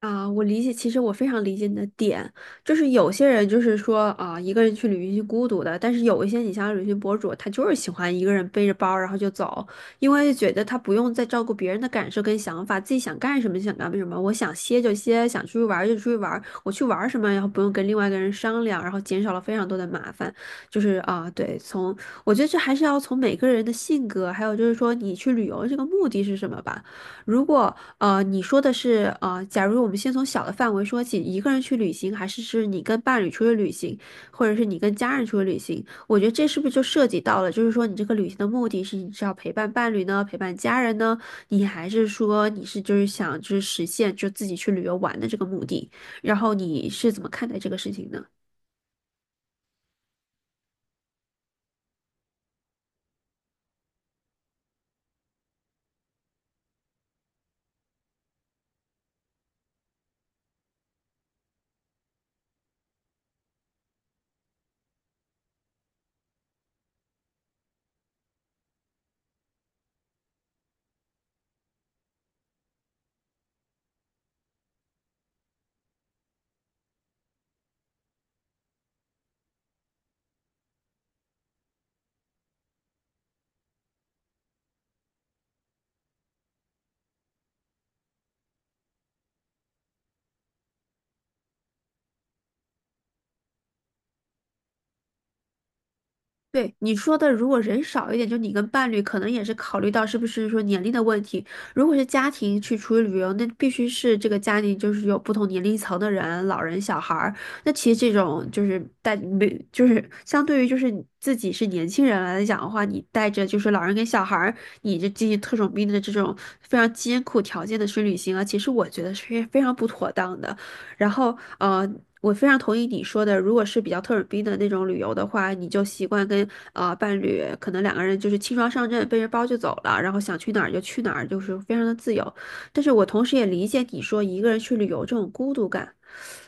啊，我理解，其实我非常理解你的点，就是有些人就是说啊，一个人去旅行是孤独的，但是有一些你像旅行博主，他就是喜欢一个人背着包然后就走，因为觉得他不用再照顾别人的感受跟想法，自己想干什么就想干什么，我想歇就歇，想出去玩儿就出去玩儿我去玩儿什么，然后不用跟另外一个人商量，然后减少了非常多的麻烦，就是啊，对，从我觉得这还是要从每个人的性格，还有就是说你去旅游这个目的是什么吧。如果你说的是，假如我们先从小的范围说起，一个人去旅行，还是是你跟伴侣出去旅行，或者是你跟家人出去旅行？我觉得这是不是就涉及到了，就是说你这个旅行的目的是你是要陪伴伴侣呢，陪伴家人呢，你还是说你是就是想就是实现就自己去旅游玩的这个目的？然后你是怎么看待这个事情呢？对你说的，如果人少一点，就你跟伴侣，可能也是考虑到是不是说年龄的问题。如果是家庭去出去旅游，那必须是这个家庭就是有不同年龄层的人，老人、小孩儿。那其实这种就是带没，就是相对于就是你自己是年轻人来讲的话，你带着就是老人跟小孩儿，你这进行特种兵的这种非常艰苦条件的去旅行啊，其实我觉得是非常不妥当的。然后我非常同意你说的，如果是比较特种兵的那种旅游的话，你就习惯跟伴侣，可能两个人就是轻装上阵，背着包就走了，然后想去哪儿就去哪儿，就是非常的自由。但是我同时也理解你说一个人去旅游这种孤独感。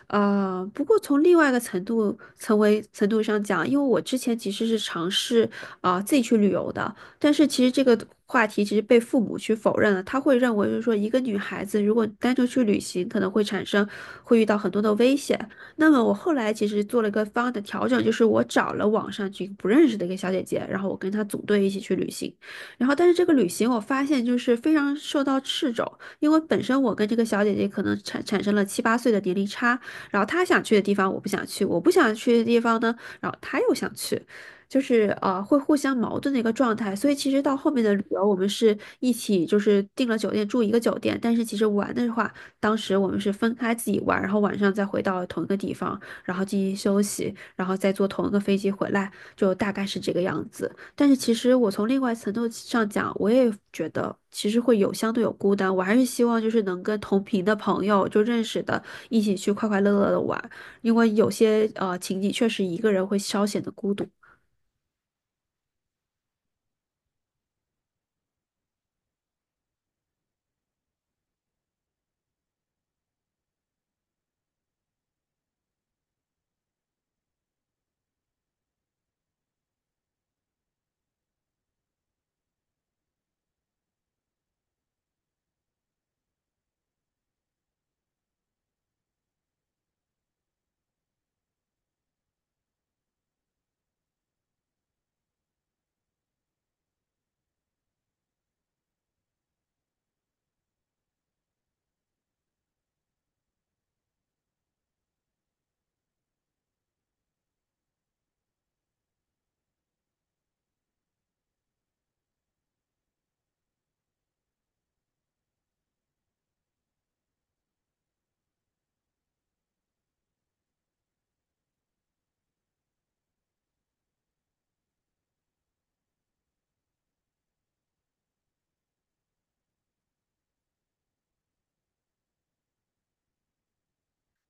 不过从另外一个程度、层为程度上讲，因为我之前其实是尝试自己去旅游的，但是其实这个话题其实被父母去否认了，他会认为就是说，一个女孩子如果单独去旅行，可能会产生会遇到很多的危险。那么我后来其实做了一个方案的调整，就是我找了网上去不认识的一个小姐姐，然后我跟她组队一起去旅行。然后但是这个旅行我发现就是非常受到掣肘，因为本身我跟这个小姐姐可能产生了七八岁的年龄差，然后她想去的地方我不想去，我不想去的地方呢，然后她又想去。就是会互相矛盾的一个状态。所以其实到后面的旅游，我们是一起就是订了酒店住一个酒店，但是其实玩的话，当时我们是分开自己玩，然后晚上再回到同一个地方，然后进行休息，然后再坐同一个飞机回来，就大概是这个样子。但是其实我从另外层度上讲，我也觉得其实会有相对有孤单，我还是希望就是能跟同频的朋友就认识的，一起去快快乐乐的玩，因为有些情景确实一个人会稍显得孤独。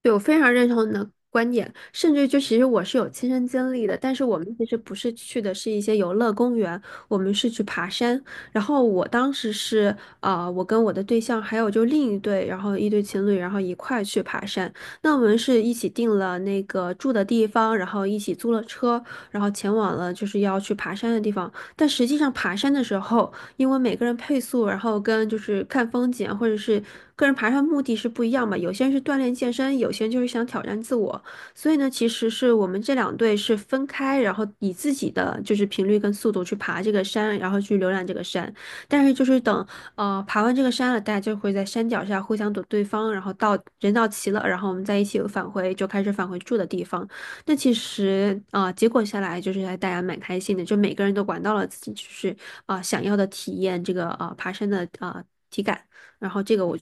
对，我非常认同你的观点，甚至就其实我是有亲身经历的，但是我们其实不是去的是一些游乐公园，我们是去爬山。然后我当时是啊，我跟我的对象还有就另一对，然后一对情侣，然后一块去爬山。那我们是一起订了那个住的地方，然后一起租了车，然后前往了就是要去爬山的地方。但实际上爬山的时候，因为每个人配速，然后跟就是看风景啊或者是个人爬山目的是不一样嘛。有些人是锻炼健身，有些人就是想挑战自我。所以呢，其实是我们这两队是分开，然后以自己的就是频率跟速度去爬这个山，然后去浏览这个山。但是就是等爬完这个山了，大家就会在山脚下互相躲对方，然后到人到齐了，然后我们再一起返回，就开始返回住的地方。那其实结果下来就是还大家蛮开心的，就每个人都管到了自己就是想要的体验，这个爬山的体感。然后这个我，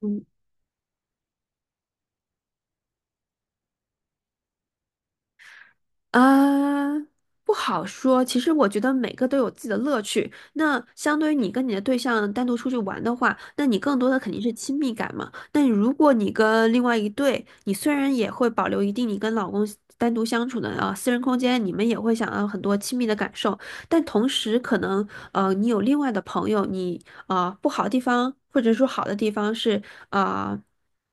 嗯啊，不好说。其实我觉得每个都有自己的乐趣。那相对于你跟你的对象单独出去玩的话，那你更多的肯定是亲密感嘛。那如果你跟另外一对，你虽然也会保留一定你跟老公单独相处的啊私人空间，你们也会想要很多亲密的感受，但同时可能你有另外的朋友，你啊不好的地方或者说好的地方是啊。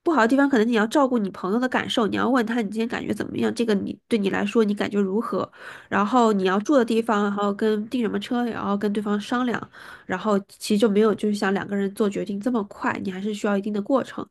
不好的地方，可能你要照顾你朋友的感受，你要问他你今天感觉怎么样，这个你对你来说你感觉如何，然后你要住的地方，然后跟订什么车，然后跟对方商量，然后其实就没有就是像两个人做决定这么快，你还是需要一定的过程，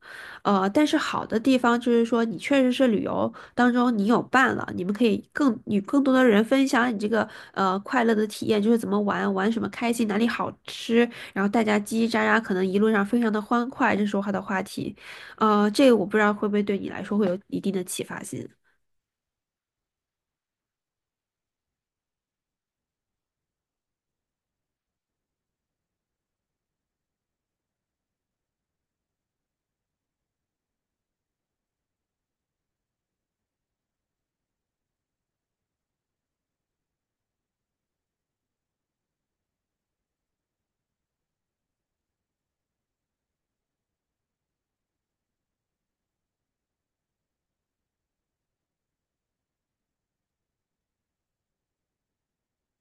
但是好的地方就是说你确实是旅游当中你有伴了，你们可以更与更多的人分享你这个快乐的体验，就是怎么玩，玩什么开心，哪里好吃，然后大家叽叽喳喳，可能一路上非常的欢快，这是我好的话题。这个我不知道会不会对你来说会有一定的启发性。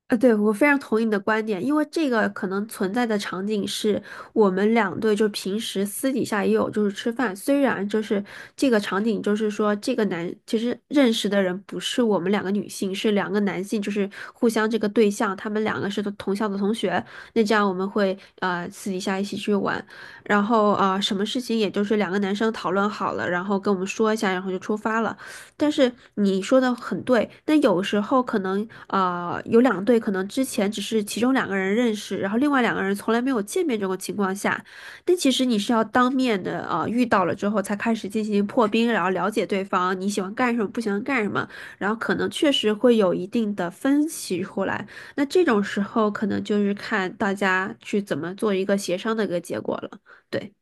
啊，对，我非常同意你的观点，因为这个可能存在的场景是我们两队就平时私底下也有就是吃饭，虽然就是这个场景就是说这个男其实认识的人不是我们两个女性，是两个男性，就是互相这个对象，他们两个是同校的同学，那这样我们会私底下一起去玩，然后什么事情也就是两个男生讨论好了，然后跟我们说一下，然后就出发了。但是你说的很对，那有时候可能有两队，可能之前只是其中两个人认识，然后另外两个人从来没有见面这种情况下，但其实你是要当面的遇到了之后才开始进行破冰，然后了解对方你喜欢干什么，不喜欢干什么，然后可能确实会有一定的分歧出来。那这种时候可能就是看大家去怎么做一个协商的一个结果了，对。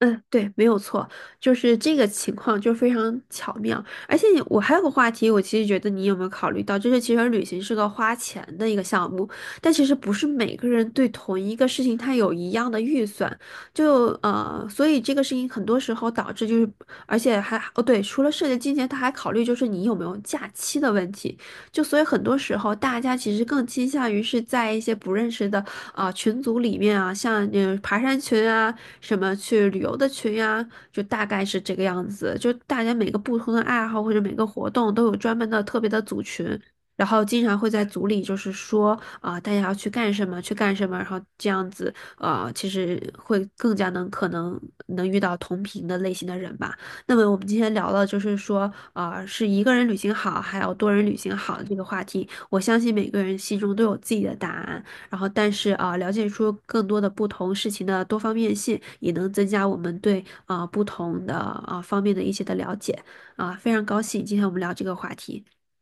嗯，对，没有错，就是这个情况就非常巧妙。而且我还有个话题，我其实觉得你有没有考虑到，就是其实旅行是个花钱的一个项目，但其实不是每个人对同一个事情他有一样的预算，就所以这个事情很多时候导致就是，而且还哦对，除了涉及金钱，他还考虑就是你有没有假期的问题。就所以很多时候，大家其实更倾向于是在一些不认识的群组里面啊，像嗯爬山群啊，什么去旅游的群呀、就大概是这个样子。就大家每个不同的爱好或者每个活动都有专门的特别的组群，然后经常会在组里就是说啊、大家要去干什么，去干什么，然后这样子啊，其实会更加能可能能遇到同频的类型的人吧。那么我们今天聊了，就是说，是一个人旅行好，还有多人旅行好的这个话题。我相信每个人心中都有自己的答案，然后但是了解出更多的不同事情的多方面性，也能增加我们对不同的方面的一些的了解非常高兴今天我们聊这个话题。